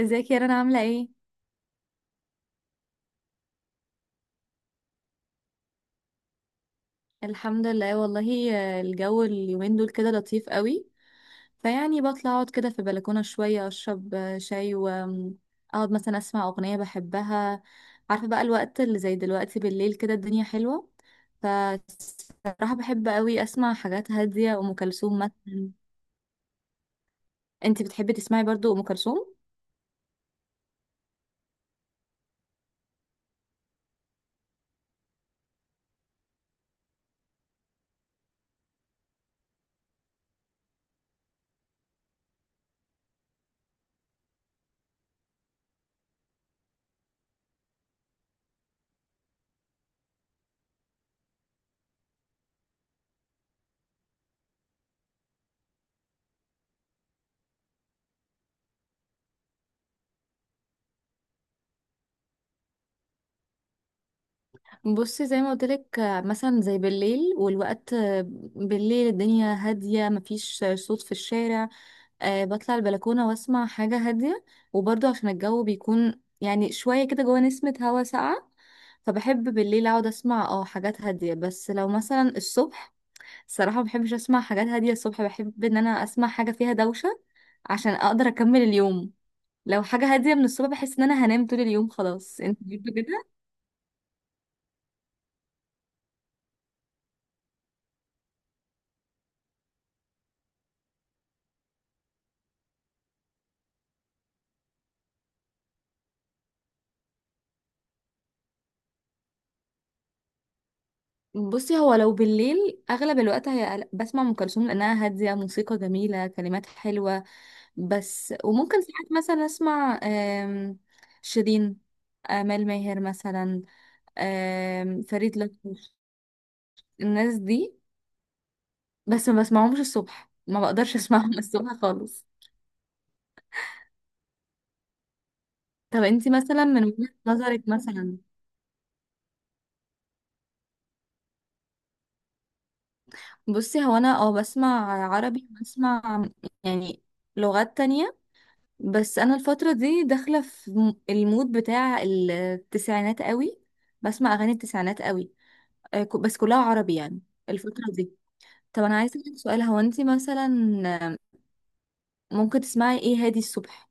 ازيك يا رنا، عاملة ايه؟ الحمد لله والله. الجو اليومين دول كده لطيف قوي. فيعني بطلع اقعد كده في البلكونة شوية اشرب شاي، واقعد مثلا اسمع اغنية بحبها. عارفة، بقى الوقت اللي زي دلوقتي بالليل كده الدنيا حلوة. فصراحة بحب قوي اسمع حاجات هادية، ام كلثوم مثلا. انتي بتحبي تسمعي برضو ام كلثوم؟ بصي، زي ما قلت لك، مثلا زي بالليل والوقت. بالليل الدنيا هادية، مفيش صوت في الشارع. بطلع البلكونة واسمع حاجة هادية. وبرضه عشان الجو بيكون يعني شوية كده جوه نسمة هوا ساقعة. فبحب بالليل اقعد اسمع حاجات هادية. بس لو مثلا الصبح، الصراحة مبحبش اسمع حاجات هادية الصبح، بحب ان انا اسمع حاجة فيها دوشة عشان اقدر اكمل اليوم. لو حاجة هادية من الصبح بحس ان انا هنام طول اليوم. خلاص، انت بتحب كده؟ بصي، هو لو بالليل اغلب الوقت هي بسمع ام كلثوم، لانها هادية، موسيقى جميلة، كلمات حلوة. بس وممكن ساعات مثلا اسمع شيرين، آمال ماهر مثلا، فريد لطفي. الناس دي. بس ما بسمعهمش الصبح، ما بقدرش اسمعهم الصبح خالص. طب انتي مثلا من وجهة نظرك مثلا؟ بصي، هو انا بسمع عربي، بسمع يعني لغات تانية. بس انا الفترة دي داخلة في المود بتاع التسعينات قوي، بسمع اغاني التسعينات قوي. بس كلها عربي يعني الفترة دي. طب انا عايزه اسالك سؤال، هو انت مثلا ممكن تسمعي ايه هادي الصبح؟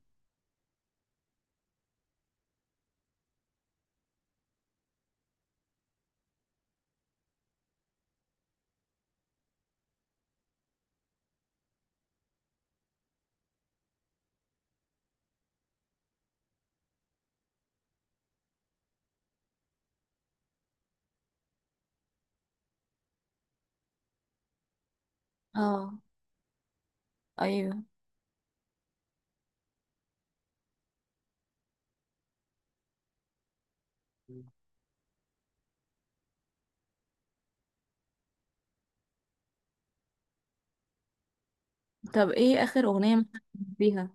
اه، ايوه. طب ايه اخر اغنيه مثلا بيها؟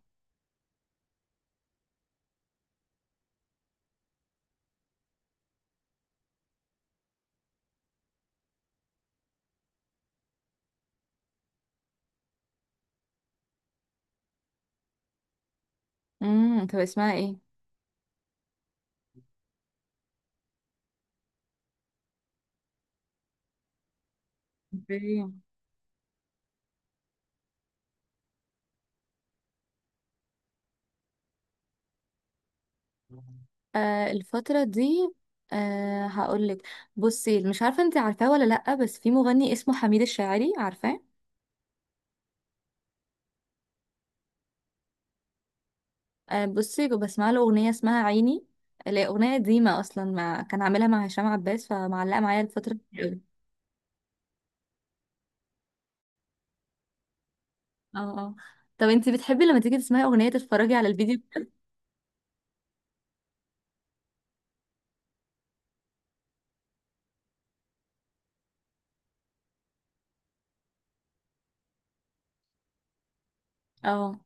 طب اسمها ايه؟ اوكي. الفتره دي. هقولك. بصي، مش عارفه انت عارفاه ولا لا، بس في مغني اسمه حميد الشاعري، عارفاه؟ بصي بسمع له اغنيه اسمها عيني، اللي هي اغنيه قديمه اصلا، كان عاملها مع هشام عباس، فمعلقه معايا الفتره دي أوي. اه، اه. طب انت بتحبي لما تيجي تسمعي اغنيه تتفرجي على الفيديو؟ اه،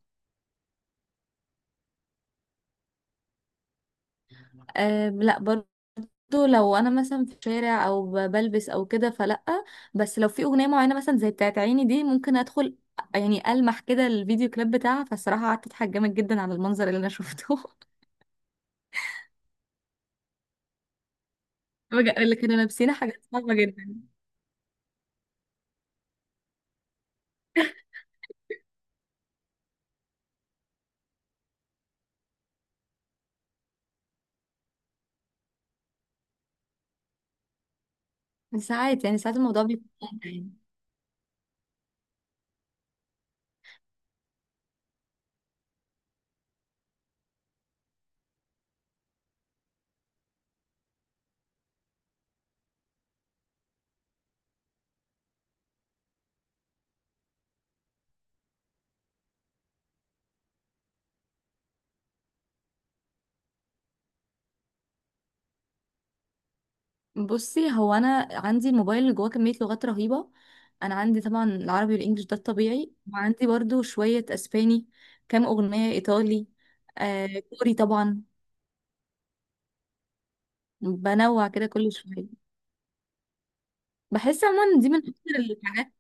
أه لا، برضو لو انا مثلا في شارع او بلبس او كده فلا. بس لو في اغنيه معينه مثلا زي بتاعت عيني دي ممكن ادخل يعني المح كده الفيديو كليب بتاعها، فالصراحه قعدت اضحك جامد جدا على المنظر اللي انا شفته. اللي كانوا لابسين حاجات صعبه جدا. ساعات يعني ساعات الموضوع بيكون ممتع يعني. بصي، هو انا عندي الموبايل اللي جواه كميه لغات رهيبه. انا عندي طبعا العربي والانجليش ده الطبيعي، وعندي برضو شويه اسباني، كام اغنيه ايطالي، كوري طبعا. بنوع كده كل شوية. بحس عموما دي الحاجات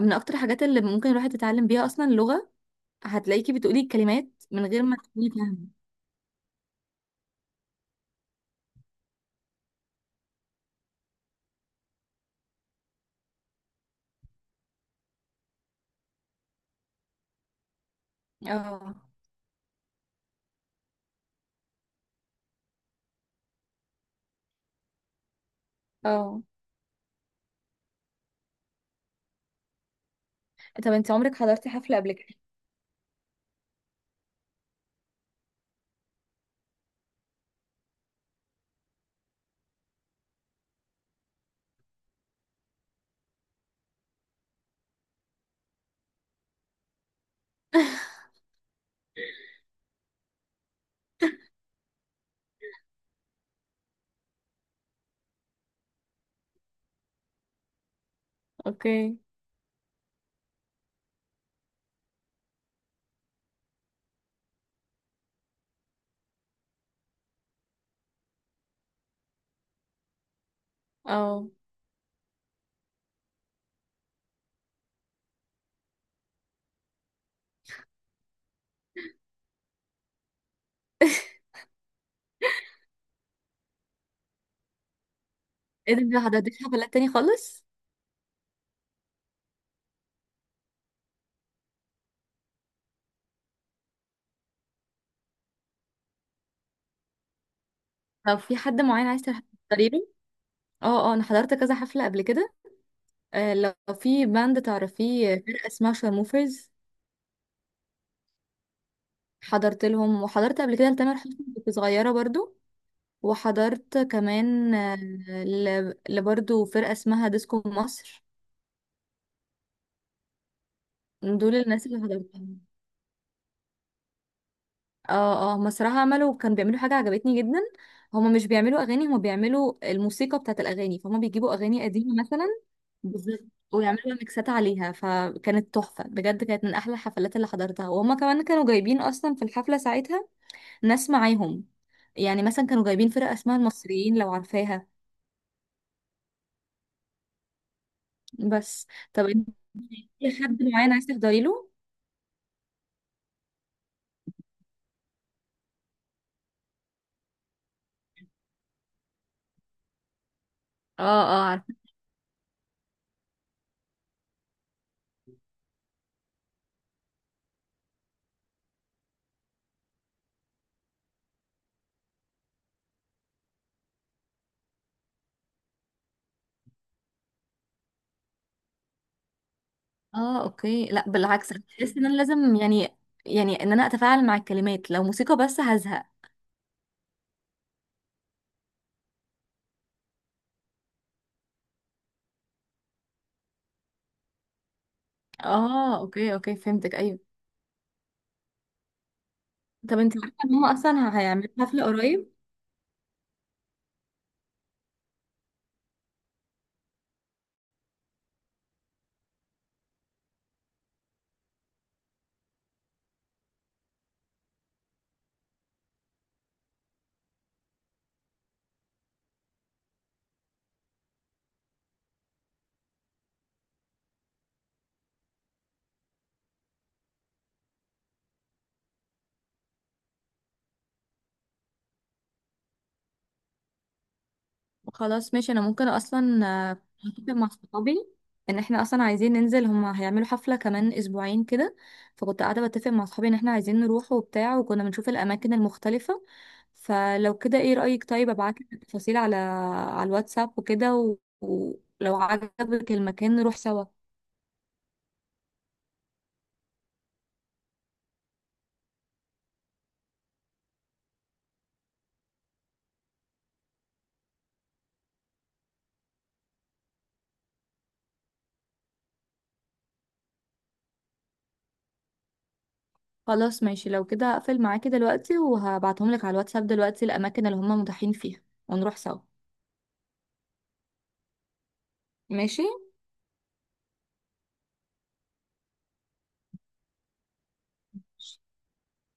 من أكتر الحاجات اللي ممكن الواحد يتعلم بيها أصلا اللغة. هتلاقيكي بتقولي الكلمات من غير ما تكوني فاهمة. اه، اه. طب انت عمرك حضرتي حفلة قبل كده؟ اوكي. اه. ايه ده، ما حضرتيش حفلات تاني خالص؟ لو في حد معين عايز تحضري له؟ اه، اه، انا حضرت كذا حفلة قبل كده. لو في باند تعرفيه، فرقة اسمها شارموفرز، حضرت لهم. وحضرت قبل كده لتامر حسني، كنت صغيرة برضو. وحضرت كمان لبرضو فرقة اسمها ديسكو مصر. دول الناس اللي حضرتهم. اه، اه، مسرحة، كانوا بيعملوا حاجة عجبتني جدا. هما مش بيعملوا أغاني، هما بيعملوا الموسيقى بتاعت الأغاني. فهما بيجيبوا أغاني قديمة مثلا، بالظبط، ويعملوا ميكسات عليها. فكانت تحفة بجد، كانت من أحلى الحفلات اللي حضرتها. وهما كمان كانوا جايبين أصلا في الحفلة ساعتها ناس معاهم. يعني مثلا كانوا جايبين فرقة اسمها المصريين، لو عارفاها. بس. طب انت، في حد معين عايز تحضري له؟ اه، اه، عارفة. اه، اوكي. لا بالعكس، أنا بحس ان انا لازم يعني، يعني ان انا اتفاعل مع الكلمات، لو موسيقى بس هزهق. اه، اوكي اوكي، فهمتك. ايوه. طب انت عارفة ان هم اصلا هيعملوا حفلة قريب؟ خلاص ماشي، انا ممكن اصلا آه، هتفق مع صحابي ان احنا اصلا عايزين ننزل. هما هيعملوا حفلة كمان اسبوعين كده، فكنت قاعدة بتفق مع صحابي ان احنا عايزين نروح وبتاع، وكنا بنشوف الاماكن المختلفة. فلو كده ايه رأيك، طيب ابعتلك التفاصيل على الواتساب وكده، ولو عجبك المكان نروح سوا. خلاص ماشي، لو كده هقفل معاكي دلوقتي، وهبعتهم لك على الواتساب دلوقتي الاماكن اللي هما متاحين فيها، ونروح سوا. ماشي.